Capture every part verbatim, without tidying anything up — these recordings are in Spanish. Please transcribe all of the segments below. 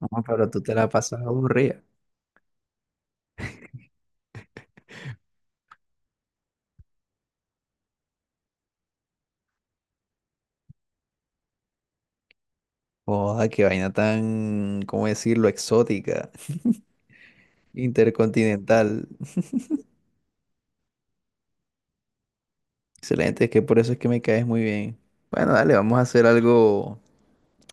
No, pero tú te la pasas aburrida. Joda, qué vaina tan, ¿cómo decirlo? Exótica, intercontinental. Excelente, es que por eso es que me caes muy bien. Bueno, dale, vamos a hacer algo,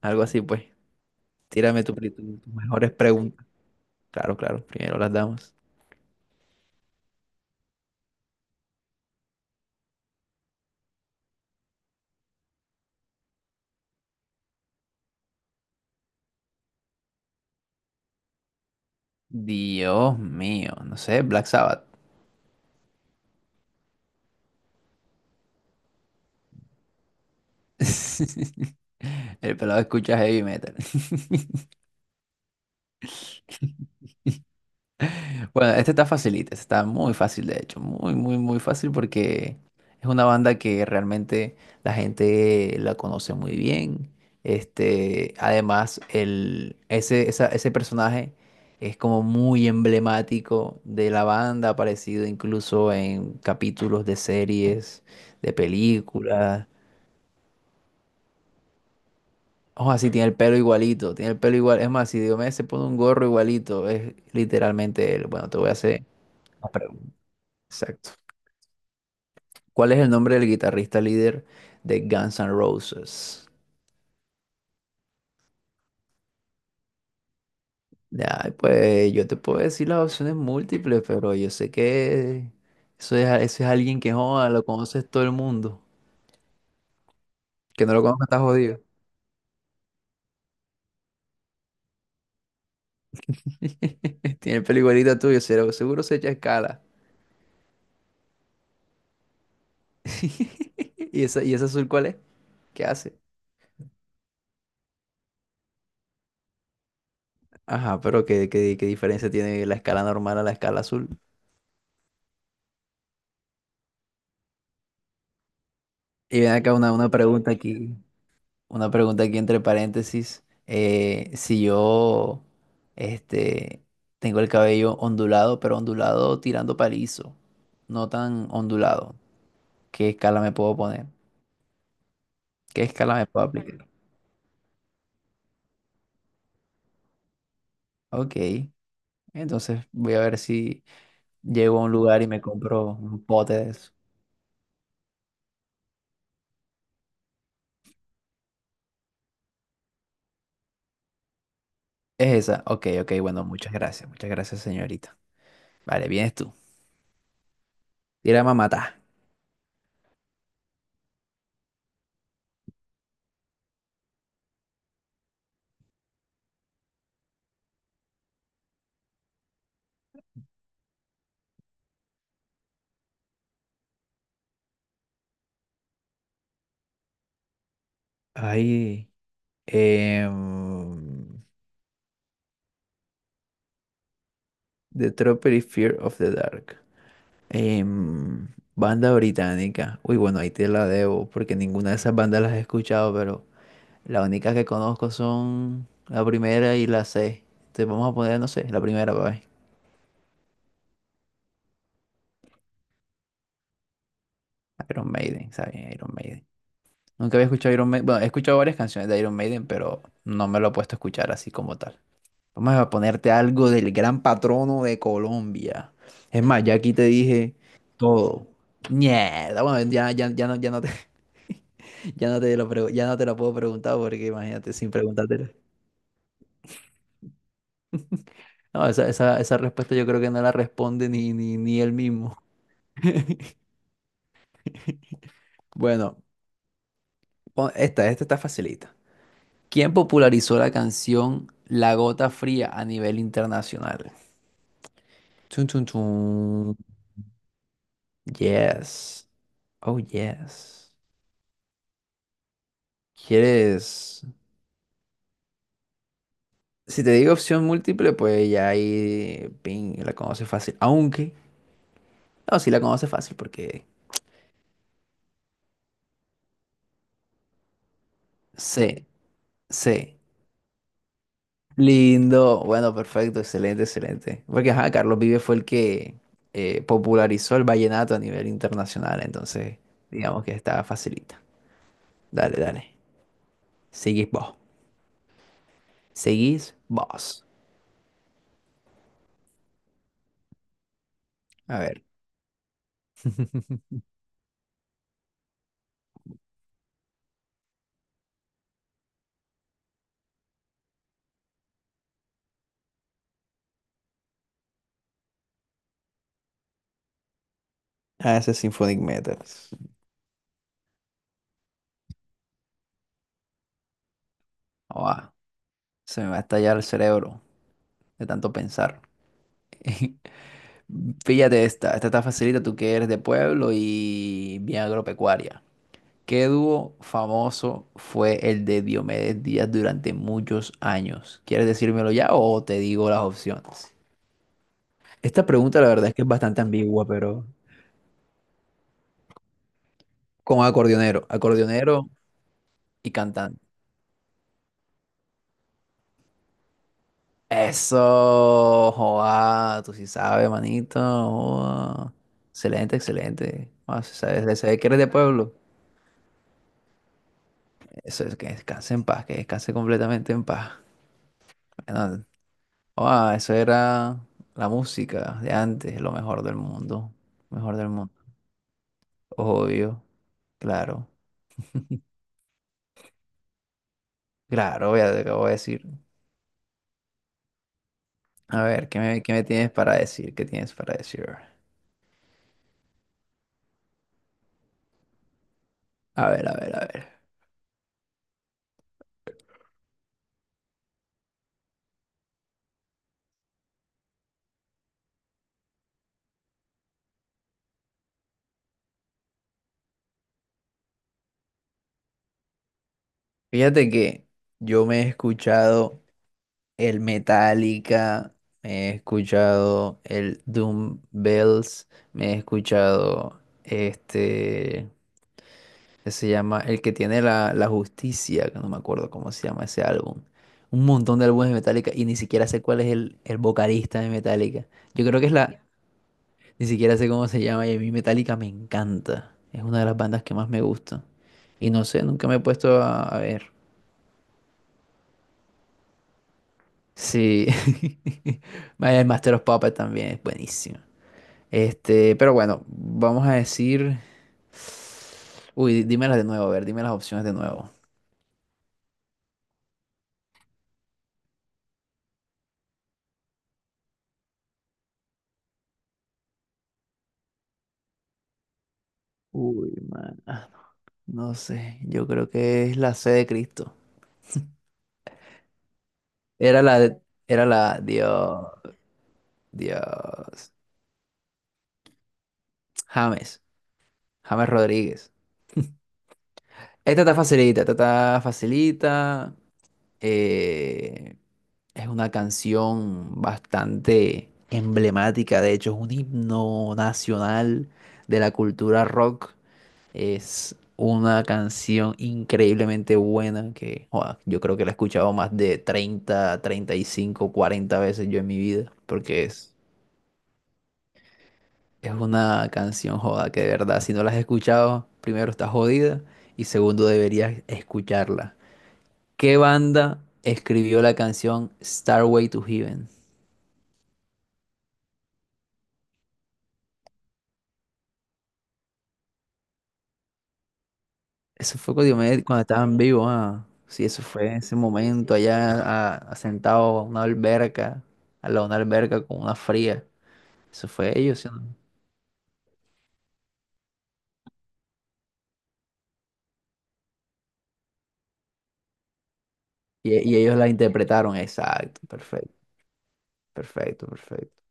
algo así, pues. Tírame tu pri- tu- tus mejores preguntas. Claro, claro, primero las damos. Dios mío, no sé, Black Sabbath. El pelado escucha heavy metal. Bueno, este está facilita, este está muy fácil de hecho, muy, muy, muy fácil porque es una banda que realmente la gente la conoce muy bien. Este, además, el, ese, esa- Ese personaje es como muy emblemático de la banda, aparecido incluso en capítulos de series, de películas. Ojo, así tiene el pelo igualito, tiene el pelo igual. Es más, si Diomedes se pone un gorro igualito, es literalmente él. Bueno, te voy a hacer. Exacto. ¿Cuál es el nombre del guitarrista líder de Guns N' Roses? Ay, pues yo te puedo decir las opciones múltiples, pero yo sé que eso es, eso es alguien que joda, lo conoces todo el mundo. Que no lo conozca está jodido. Tiene el pelo igualito tuyo, seguro, seguro se echa escala. ¿Y esa, y ese azul cuál es? ¿Qué hace? Ajá, pero ¿qué, qué, qué diferencia tiene la escala normal a la escala azul? Y ven acá una, una pregunta aquí. Una pregunta aquí entre paréntesis. Eh, si yo este, tengo el cabello ondulado, pero ondulado tirando palizo, no tan ondulado, ¿qué escala me puedo poner? ¿Qué escala me puedo aplicar? Ok, entonces voy a ver si llego a un lugar y me compro un pote de eso. ¿Es esa? Ok, ok, bueno, muchas gracias, muchas gracias, señorita. Vale, vienes tú. Tira mamata. Ay, em, The Tropic Fear of the Dark. Em, Banda británica. Uy, bueno, ahí te la debo, porque ninguna de esas bandas las he escuchado, pero las únicas que conozco son la primera y la C. Entonces vamos a poner, no sé, la primera, para ver. Iron Maiden, ¿sabes? Iron Maiden. Nunca había escuchado Iron Maiden. Bueno, he escuchado varias canciones de Iron Maiden, pero no me lo he puesto a escuchar así como tal. Vamos a ponerte algo del gran patrono de Colombia. Es más, ya aquí te dije todo. Mierda, bueno, ya, ya, ya no, ya no te. Ya no te lo, pregu- ya no te lo puedo preguntar porque imagínate sin preguntártelo. No, esa, esa, esa respuesta yo creo que no la responde ni, ni, ni él mismo. Bueno, pon- esta, esta está facilita. ¿Quién popularizó la canción La Gota Fría a nivel internacional? Chun, chun, chun. Yes. Oh, yes. ¿Quieres? Si te digo opción múltiple, pues ya ahí, ping, la conoces fácil. Aunque, no, sí la conoces fácil porque sé, sé. Lindo, bueno, perfecto, excelente, excelente. Porque ajá, Carlos Vives fue el que eh, popularizó el vallenato a nivel internacional, entonces digamos que está facilita. Dale, dale. Seguís vos. Seguís vos. A ver. A ese Symphonic Metals. Buah, se me va a estallar el cerebro de tanto pensar. Fíjate esta, esta está facilita, tú que eres de pueblo y bien agropecuaria. ¿Qué dúo famoso fue el de Diomedes Díaz durante muchos años? ¿Quieres decírmelo ya o te digo las opciones? Esta pregunta la verdad es que es bastante ambigua, pero con acordeonero, acordeonero y cantante. Eso, joa, tú sí sabes, manito. Joa. Excelente, excelente. Ah, se sabe, se sabe que eres de pueblo. Eso es que descanse en paz, que descanse completamente en paz. Bueno, ah, eso era la música de antes, lo mejor del mundo. Mejor del mundo. Obvio, claro. Claro, ya te acabo de decir. A ver, ¿qué me, ¿qué me tienes para decir? ¿Qué tienes para decir? A ver, a ver, a ver. Fíjate que yo me he escuchado el Metallica, me he escuchado el Doom Bells, me he escuchado este. Se llama El que tiene la, la justicia, que no me acuerdo cómo se llama ese álbum. Un montón de álbumes de Metallica y ni siquiera sé cuál es el, el vocalista de Metallica. Yo creo que es la... Ni siquiera sé cómo se llama y a mí Metallica me encanta. Es una de las bandas que más me gusta. Y no sé, nunca me he puesto a, a ver. Sí. Vaya, El Master of Puppets también es buenísimo. Este, pero bueno, vamos a decir... Uy, dímelas de nuevo, a ver, dime las opciones de nuevo. Uy, man. No sé, yo creo que es la C de Cristo. Era la, de- Era la, Dios, Dios, James, James Rodríguez. Esta está facilita, esta está facilita. eh, es una canción bastante emblemática, de hecho, es un himno nacional de la cultura rock. Es una canción increíblemente buena que joda, yo creo que la he escuchado más de treinta treinta y cinco cuarenta veces yo en mi vida, porque es, es una canción joda que de verdad, si no la has escuchado, primero estás jodida y segundo deberías escucharla. ¿Qué banda escribió la canción Starway to Heaven? Eso fue con Diomedes cuando estaban vivos, ah. Sí, eso fue en ese momento allá a- a- sentado a una alberca, al lado de una alberca con una fría. Eso fue ellos, ¿sí o no? Y, y ellos la interpretaron, exacto, perfecto, perfecto, perfecto.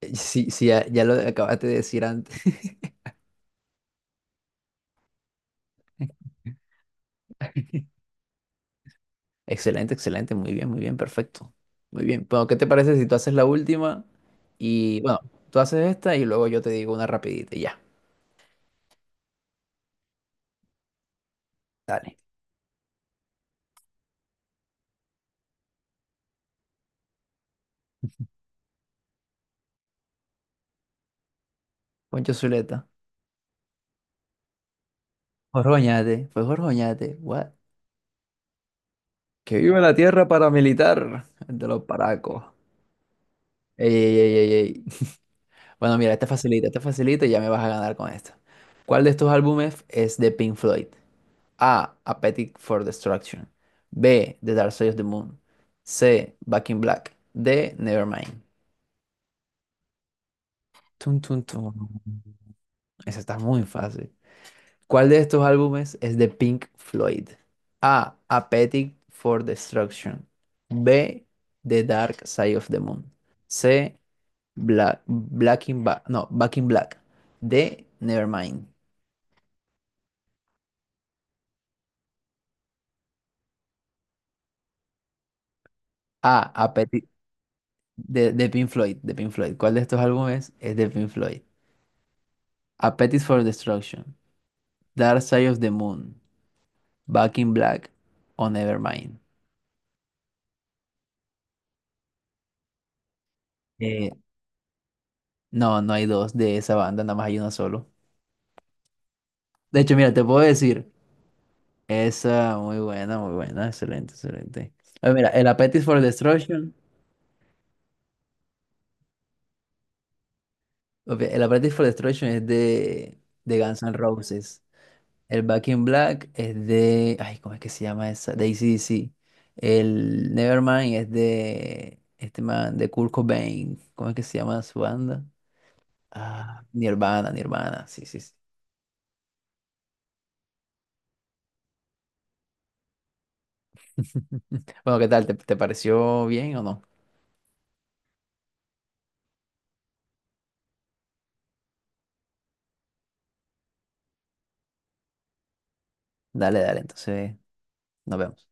Eh, Sí, sí, ya, ya lo acabaste de decir antes. Excelente, excelente, muy bien, muy bien, perfecto. Muy bien, bueno, ¿qué te parece si tú haces la última? Y bueno, tú haces esta y luego yo te digo una rapidita, y ya. Poncho Zuleta, Jorjoñate, fue Jorjoñate, what? Que viva la tierra paramilitar de los paracos. Ey, ey, ey, ey, ey. Bueno, mira, esta facilita, esta facilita y ya me vas a ganar con esta. ¿Cuál de estos álbumes es de Pink Floyd? A. Appetite for Destruction. B. The Dark Side of the Moon. C. Back in Black. D. Nevermind. Tun, tun, tun. Esa está muy fácil. ¿Cuál de estos álbumes es de Pink Floyd? A. Appetite for Destruction. B. The Dark Side of the Moon. C. Black, Black in Ba- no, Back in Black. D. Nevermind. Ah, Appetite de, de Pink Floyd, de Pink Floyd. ¿Cuál de estos álbumes es de Pink Floyd? Appetite for Destruction, Dark Side of the Moon, Back in Black o Nevermind. Eh, no, no hay dos de esa banda, nada más hay uno solo. De hecho, mira, te puedo decir, esa muy buena, muy buena, excelente, excelente. Ah, mira, el Appetite for Destruction, ok, el Appetite for Destruction es de, de Guns N' Roses. El Back in Black es de. Ay, ¿cómo es que se llama esa? De A C/D C. El Nevermind es de. Este man, de Kurt Cobain. ¿Cómo es que se llama su banda? Ah, Nirvana, Nirvana. Sí, sí, sí. Bueno, ¿qué tal? ¿Te, te pareció bien o no? Dale, dale, entonces nos vemos.